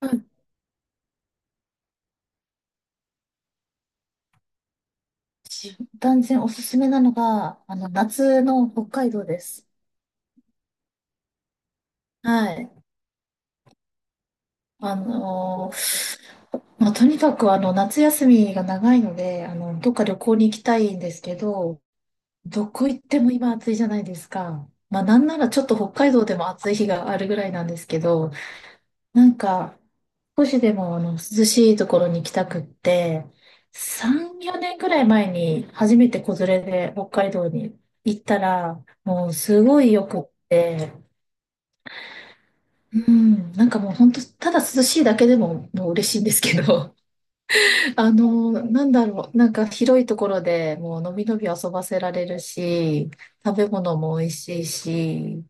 うん。断然おすすめなのが、あの、夏の北海道です。はい。あのーまあ、とにかくあの、夏休みが長いので、あの、どっか旅行に行きたいんですけど、どこ行っても今暑いじゃないですか。まあ、なんならちょっと北海道でも暑い日があるぐらいなんですけど、なんか、少しでもあの涼しいところに行きたくって、3、4年くらい前に初めて子連れで北海道に行ったら、もうすごいよくって、うん、なんかもう本当、ただ涼しいだけでももう嬉しいんですけど、あの、なんだろう、なんか広いところでもうのびのび遊ばせられるし、食べ物も美味しいし、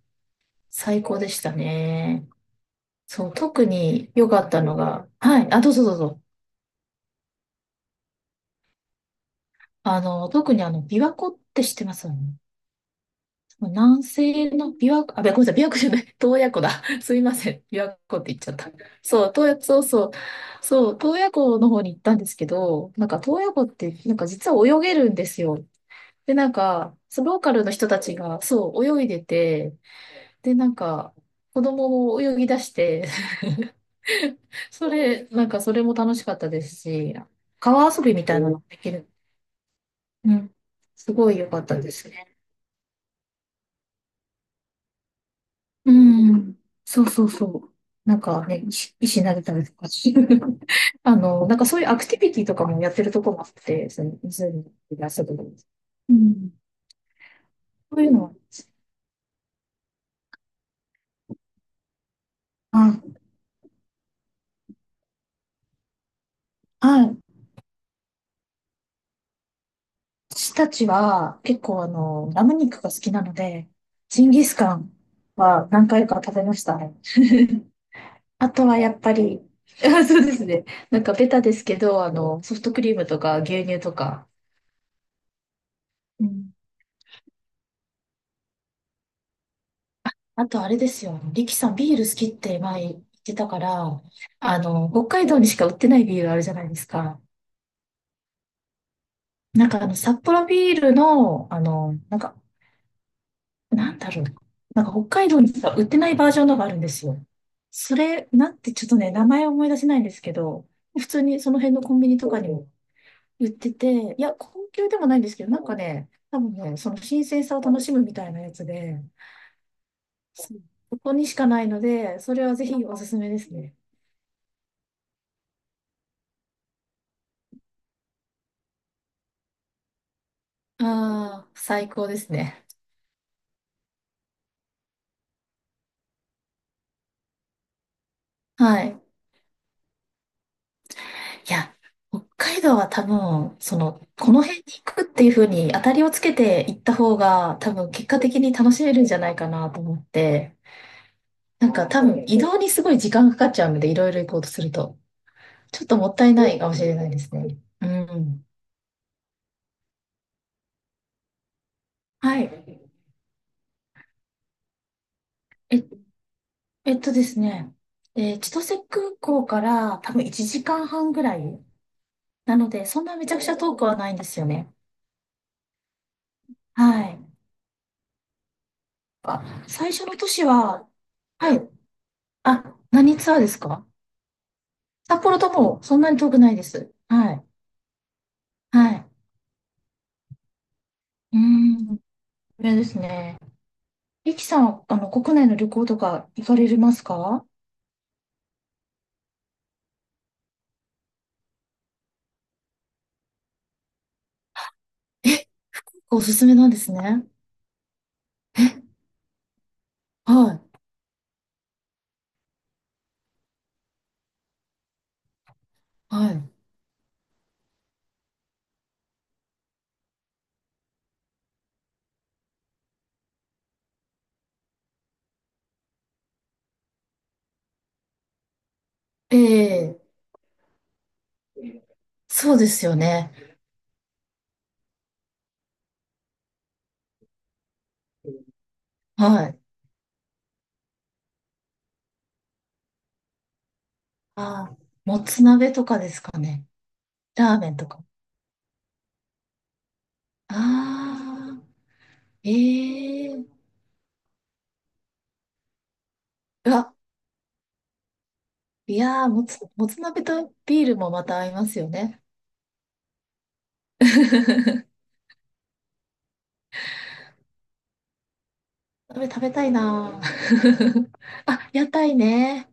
最高でしたね。そう、特に良かったのが、はい、あ、どうぞどうぞ。あの、特にあの、琵琶湖って知ってますよね。南西の琵琶湖、あ、ごめんなさい、琵琶湖じゃない、洞爺湖だ。すいません、琵琶湖って言っちゃった。そう、洞爺、そうそう、そう、洞爺湖の方に行ったんですけど、なんか洞爺湖って、なんか実は泳げるんですよ。で、なんか、そうローカルの人たちが、そう、泳いでて、で、なんか、子供も泳ぎ出して、それ、なんかそれも楽しかったですし、川遊びみたいなのもできる。うん。すごい良かったです。うん。そうそうそう。なんかね、石投げたりとか。あの、なんかそういうアクティビティとかもやってるとこもあって、その湖で遊ぶのに。うん。そういうのは、あ、あ、私たちは結構あの、ラム肉が好きなので、ジンギスカンは何回か食べましたね。あとはやっぱり、そうですね。なんかベタですけど、あの、ソフトクリームとか牛乳とか。あとあれですよ。リキさん、ビール好きって前言ってたから、北海道にしか売ってないビールあるじゃないですか。なんかあの、札幌ビールの、あの、なんか、なんだろう。なんか北海道にしか売ってないバージョンのがあるんですよ。それ、なんてちょっとね、名前を思い出せないんですけど、普通にその辺のコンビニとかにも売ってて、いや、高級でもないんですけど、なんかね、多分ね、その新鮮さを楽しむみたいなやつで、そうここにしかないので、それはぜひおすすめですね。ああ、最高ですね。はい。いや、北海道は多分、その、この辺に行くっていうふうに当たりをつけて行った方が、多分結果的に楽しめるんじゃないかなと思って、なんか多分移動にすごい時間かかっちゃうので、いろいろ行こうとすると、ちょっともったいないかもしれないですね。うん。はい。え、えっとですね、えー千歳空港から多分1時間半ぐらいなので、そんなめちゃくちゃ遠くはないんですよね。はい。あ、最初の都市は。はい。あ、何ツアーですか？札幌ともそんなに遠くないです。はい。はい。うーん。これですね。リキさん、あの、国内の旅行とか行かれますか？え、おすすめなんですね。はい。はい。ええ、そうですよね。はい。あー、もつ鍋とかですかね。ラーメンとか。ああ、ええ、うわ、いやー、もつ鍋とビールもまた合いますよね。食べたいなぁ。あ、屋台ね。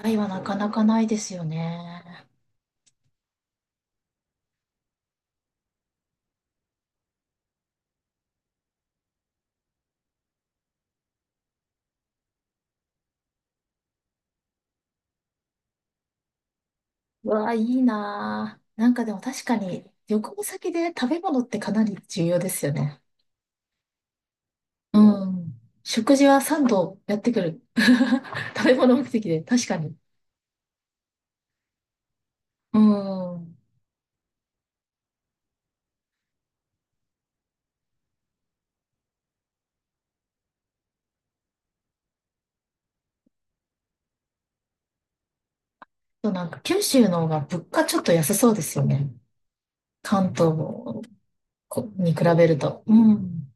屋台はなかなかないですよね。うわあ、いいなぁ。なんかでも確かに、旅行先で食べ物ってかなり重要ですよね。うん。食事は3度やってくる。食べ物目的で、確かに。うん。そう、なんか九州の方が物価ちょっと安そうですよね。関東こに比べると。うん。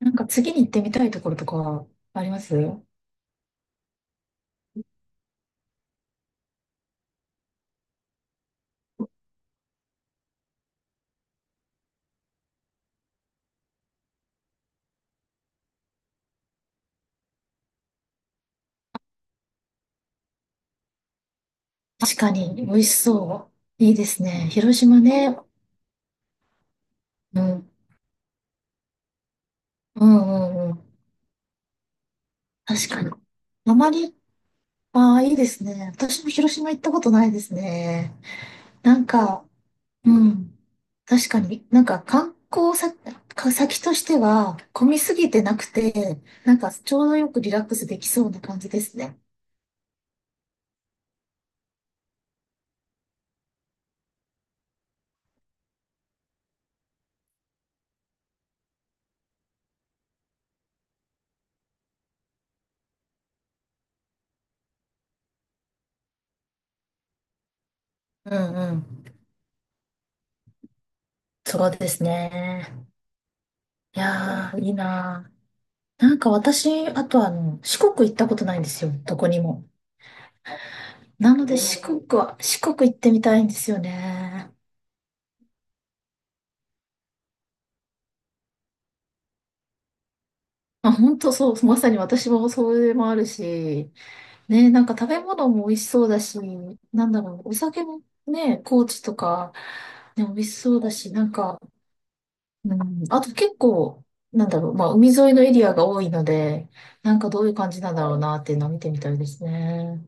なんか次に行ってみたいところとかはあります？確かに、美味しそう。いいですね。広島ね。うん。うんうんうん。確かに。あまり、ああ、いいですね。私も広島行ったことないですね。なんか、うん。確かに、なんか観光先としては、混みすぎてなくて、なんかちょうどよくリラックスできそうな感じですね。うんうん。そうですね。いやー、いいなー。なんか私、あとあの、四国行ったことないんですよ。どこにも。なので四国行ってみたいんですよね。あ、本当そう、まさに私もそれもあるし、ね、なんか食べ物も美味しそうだし、なんだろう、お酒もね、高知とか、ね、美味しそうだし、なんか、うん、あと結構、なんだろう、まあ、海沿いのエリアが多いので、なんかどういう感じなんだろうなっていうのを見てみたいですね。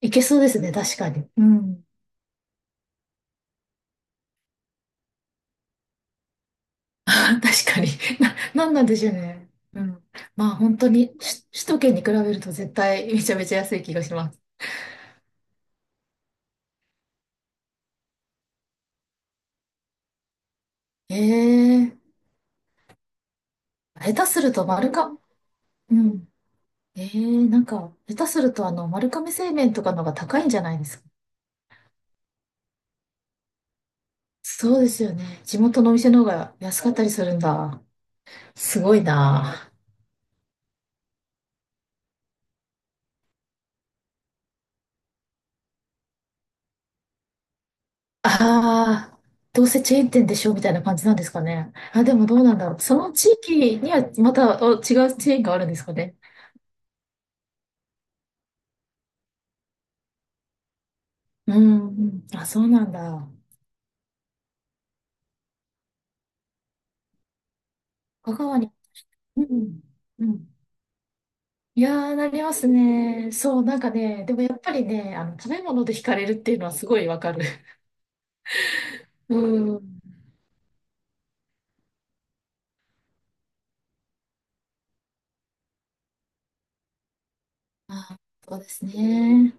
いけそうですね、確かに。うん。確かに。なんなんでしょうね。うん。まあ本当に、首都圏に比べると絶対 めちゃめちゃ安い気がします。ええー、下手すると丸か、うん。ええー、なんか、下手するとあの、丸亀製麺とかの方が高いんじゃないですか。そうですよね。地元のお店の方が安かったりするんだ。すごいな。ああ、どうせチェーン店でしょみたいな感じなんですかね。あ、でもどうなんだろう。その地域にはまたお違うチェーンがあるんですかね。うん、うん。あ、そうなんだ。香川に、うん、うん。いやー、なりますね。そう、なんかね、でもやっぱりね、あの、食べ物で惹かれるっていうのはすごいわかる。うん。あ、そうですね。